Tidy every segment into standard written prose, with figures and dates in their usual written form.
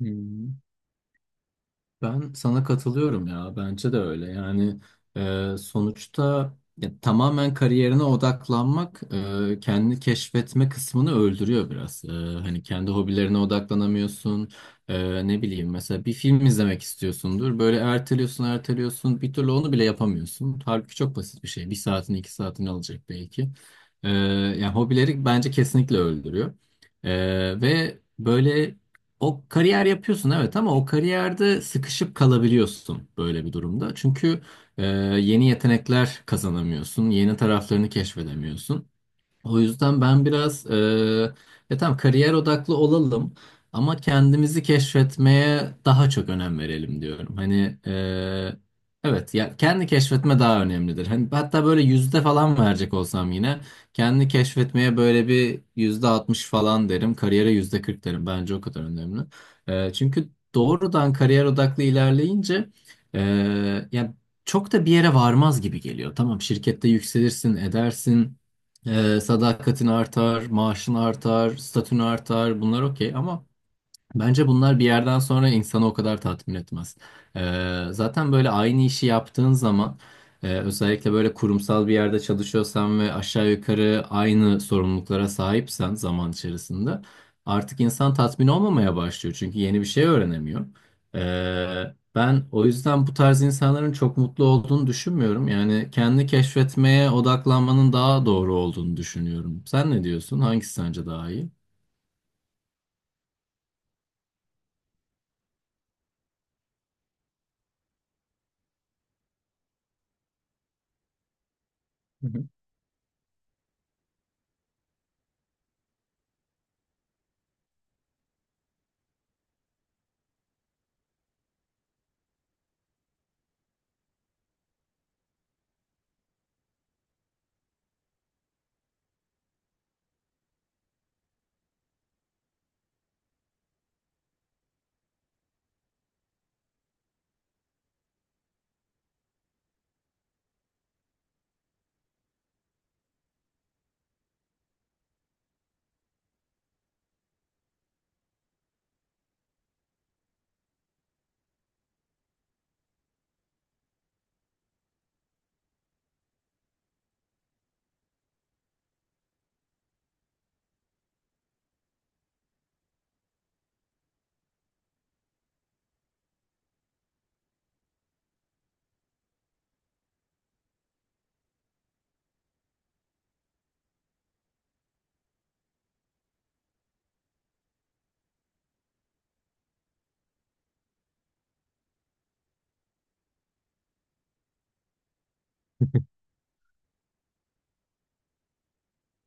Hmm. Ben sana katılıyorum ya. Bence de öyle. Yani sonuçta ya, tamamen kariyerine odaklanmak kendini keşfetme kısmını öldürüyor biraz. Hani kendi hobilerine odaklanamıyorsun. Ne bileyim, mesela bir film izlemek istiyorsundur. Böyle erteliyorsun, erteliyorsun. Bir türlü onu bile yapamıyorsun. Halbuki çok basit bir şey. Bir saatini, iki saatini alacak belki. Yani hobileri bence kesinlikle öldürüyor. E, Ve böyle o kariyer yapıyorsun, evet, ama o kariyerde sıkışıp kalabiliyorsun böyle bir durumda. Çünkü yeni yetenekler kazanamıyorsun, yeni taraflarını keşfedemiyorsun. O yüzden ben biraz ya tamam, kariyer odaklı olalım ama kendimizi keşfetmeye daha çok önem verelim diyorum. Hani evet, ya kendi keşfetme daha önemlidir. Hani hatta böyle yüzde falan verecek olsam yine kendi keşfetmeye böyle bir %60 falan derim. Kariyere %40 derim. Bence o kadar önemli. Çünkü doğrudan kariyer odaklı ilerleyince e, yani çok da bir yere varmaz gibi geliyor. Tamam, şirkette yükselirsin, edersin. Sadakatin artar, maaşın artar, statün artar, bunlar okey ama... Bence bunlar bir yerden sonra insanı o kadar tatmin etmez. Zaten böyle aynı işi yaptığın zaman özellikle böyle kurumsal bir yerde çalışıyorsan ve aşağı yukarı aynı sorumluluklara sahipsen, zaman içerisinde artık insan tatmin olmamaya başlıyor. Çünkü yeni bir şey öğrenemiyor. Ben o yüzden bu tarz insanların çok mutlu olduğunu düşünmüyorum. Yani kendi keşfetmeye odaklanmanın daha doğru olduğunu düşünüyorum. Sen ne diyorsun? Hangisi sence daha iyi? Hı hı.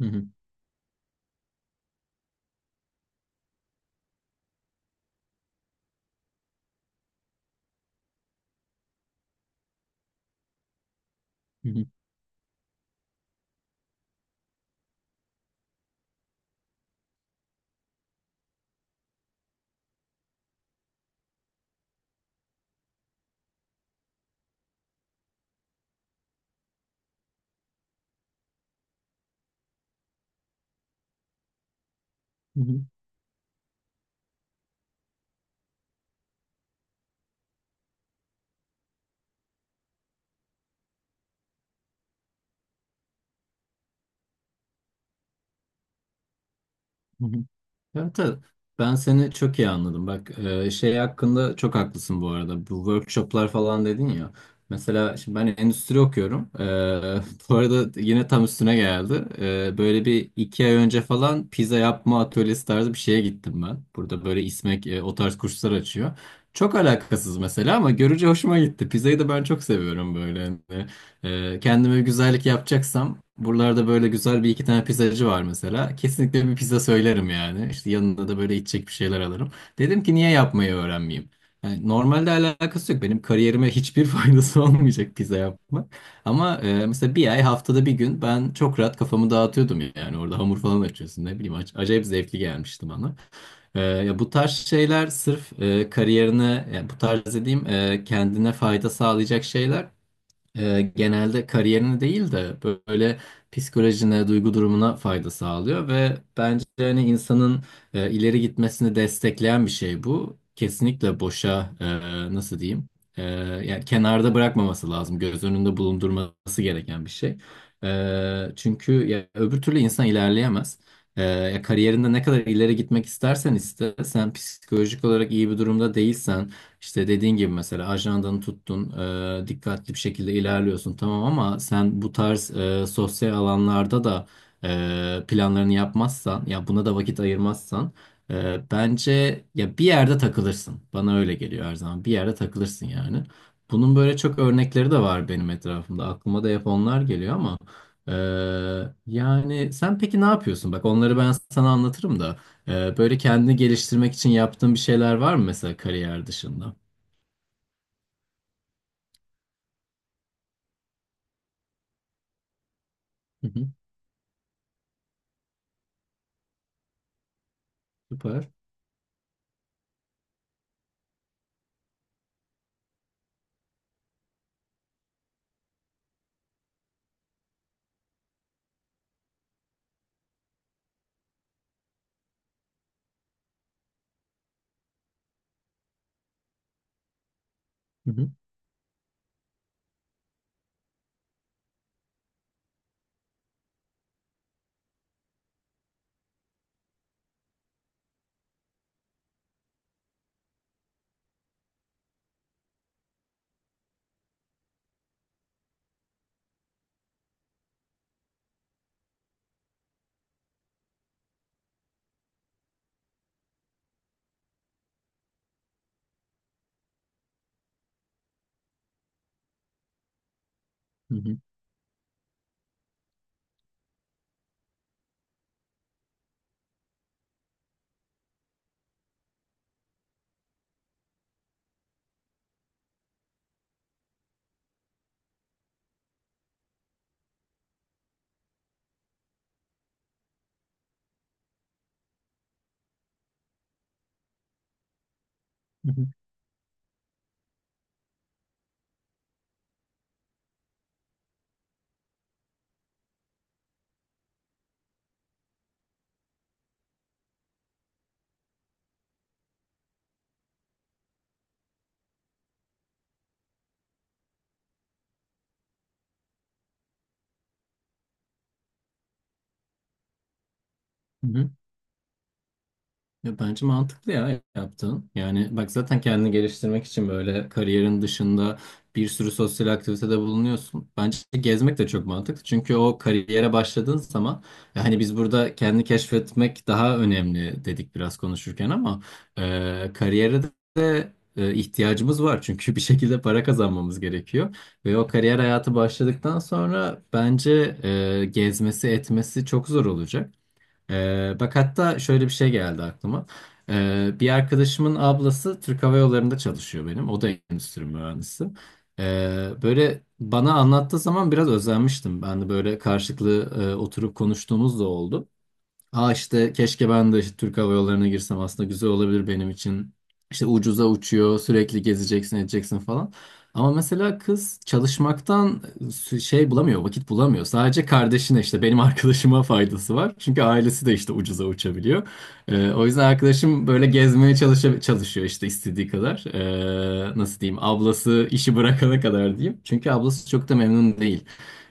Hı hı, hı hı, hı hı. Evet, evet. Ben seni çok iyi anladım. Bak, şey hakkında çok haklısın bu arada. Bu workshoplar falan dedin ya. Mesela şimdi ben endüstri okuyorum. Bu arada yine tam üstüne geldi. Böyle bir iki ay önce falan pizza yapma atölyesi tarzı bir şeye gittim ben. Burada böyle İSMEK o tarz kurslar açıyor. Çok alakasız mesela, ama görünce hoşuma gitti. Pizzayı da ben çok seviyorum böyle. Hani. Kendime bir güzellik yapacaksam, buralarda böyle güzel bir iki tane pizzacı var mesela. Kesinlikle bir pizza söylerim yani. İşte yanında da böyle içecek bir şeyler alırım. Dedim ki niye yapmayı öğrenmeyeyim? Yani normalde alakası yok. Benim kariyerime hiçbir faydası olmayacak pizza yapmak. Ama mesela bir ay, haftada bir gün, ben çok rahat kafamı dağıtıyordum yani. Orada hamur falan açıyorsun, ne bileyim. Acayip zevkli gelmişti bana. Ya bu tarz şeyler sırf kariyerine, yani bu tarz dediğim kendine fayda sağlayacak şeyler genelde kariyerine değil de böyle psikolojine, duygu durumuna fayda sağlıyor ve bence hani insanın ileri gitmesini destekleyen bir şey bu. Kesinlikle boşa nasıl diyeyim? E, yani kenarda bırakmaması lazım. Göz önünde bulundurması gereken bir şey. Çünkü ya, öbür türlü insan ilerleyemez. Ya kariyerinde ne kadar ileri gitmek istersen iste, sen psikolojik olarak iyi bir durumda değilsen, işte dediğin gibi mesela ajandanı tuttun, dikkatli bir şekilde ilerliyorsun tamam, ama sen bu tarz sosyal alanlarda da planlarını yapmazsan, ya buna da vakit ayırmazsan, bence ya bir yerde takılırsın. Bana öyle geliyor her zaman. Bir yerde takılırsın yani. Bunun böyle çok örnekleri de var benim etrafımda. Aklıma da hep onlar geliyor, ama e, yani sen peki ne yapıyorsun? Bak, onları ben sana anlatırım da. Böyle kendini geliştirmek için yaptığın bir şeyler var mı mesela, kariyer dışında? Hı hı, süper. Hı hı, hı hı, hı hı, hı hı. Ya bence mantıklı ya yaptığın. Yani bak, zaten kendini geliştirmek için böyle kariyerin dışında bir sürü sosyal aktivitede bulunuyorsun. Bence gezmek de çok mantıklı. Çünkü o kariyere başladığın zaman, hani biz burada kendini keşfetmek daha önemli dedik biraz konuşurken, ama kariyere de ihtiyacımız var. Çünkü bir şekilde para kazanmamız gerekiyor. Ve o kariyer hayatı başladıktan sonra bence gezmesi etmesi çok zor olacak. Bak hatta şöyle bir şey geldi aklıma. Bir arkadaşımın ablası Türk Hava Yolları'nda çalışıyor benim. O da endüstri mühendisi. Böyle bana anlattığı zaman biraz özenmiştim. Ben de böyle karşılıklı oturup konuştuğumuz da oldu. Aa, işte keşke ben de işte Türk Hava Yolları'na girsem, aslında güzel olabilir benim için. İşte ucuza uçuyor, sürekli gezeceksin, edeceksin falan. Ama mesela kız çalışmaktan şey bulamıyor, vakit bulamıyor. Sadece kardeşine, işte benim arkadaşıma faydası var. Çünkü ailesi de işte ucuza uçabiliyor. O yüzden arkadaşım böyle gezmeye çalışıyor işte, istediği kadar. Nasıl diyeyim, ablası işi bırakana kadar diyeyim. Çünkü ablası çok da memnun değil.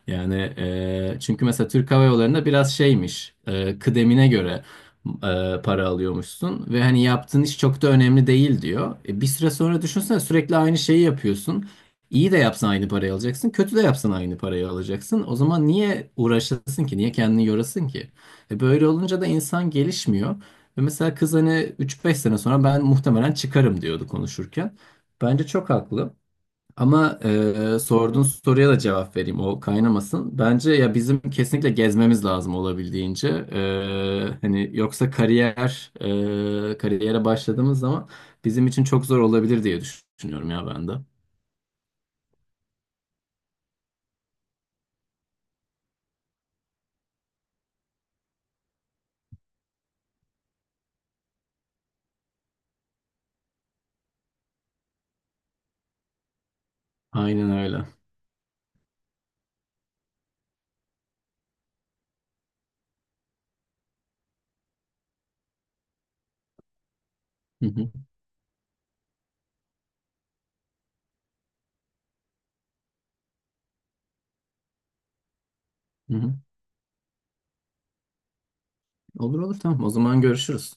Yani çünkü mesela Türk Hava Yolları'nda biraz şeymiş, kıdemine göre para alıyormuşsun ve hani yaptığın iş çok da önemli değil diyor. Bir süre sonra düşünsene, sürekli aynı şeyi yapıyorsun. İyi de yapsan aynı parayı alacaksın, kötü de yapsan aynı parayı alacaksın. O zaman niye uğraşasın ki? Niye kendini yorasın ki? Böyle olunca da insan gelişmiyor. Ve mesela kız hani 3-5 sene sonra ben muhtemelen çıkarım diyordu konuşurken. Bence çok haklı. Ama sorduğun soruya da cevap vereyim, o kaynamasın. Bence ya bizim kesinlikle gezmemiz lazım olabildiğince. Hani yoksa kariyer, kariyere başladığımız zaman bizim için çok zor olabilir diye düşünüyorum ya ben de. Aynen öyle. Hı hı, hı hı. Olur olur, tamam, o zaman görüşürüz.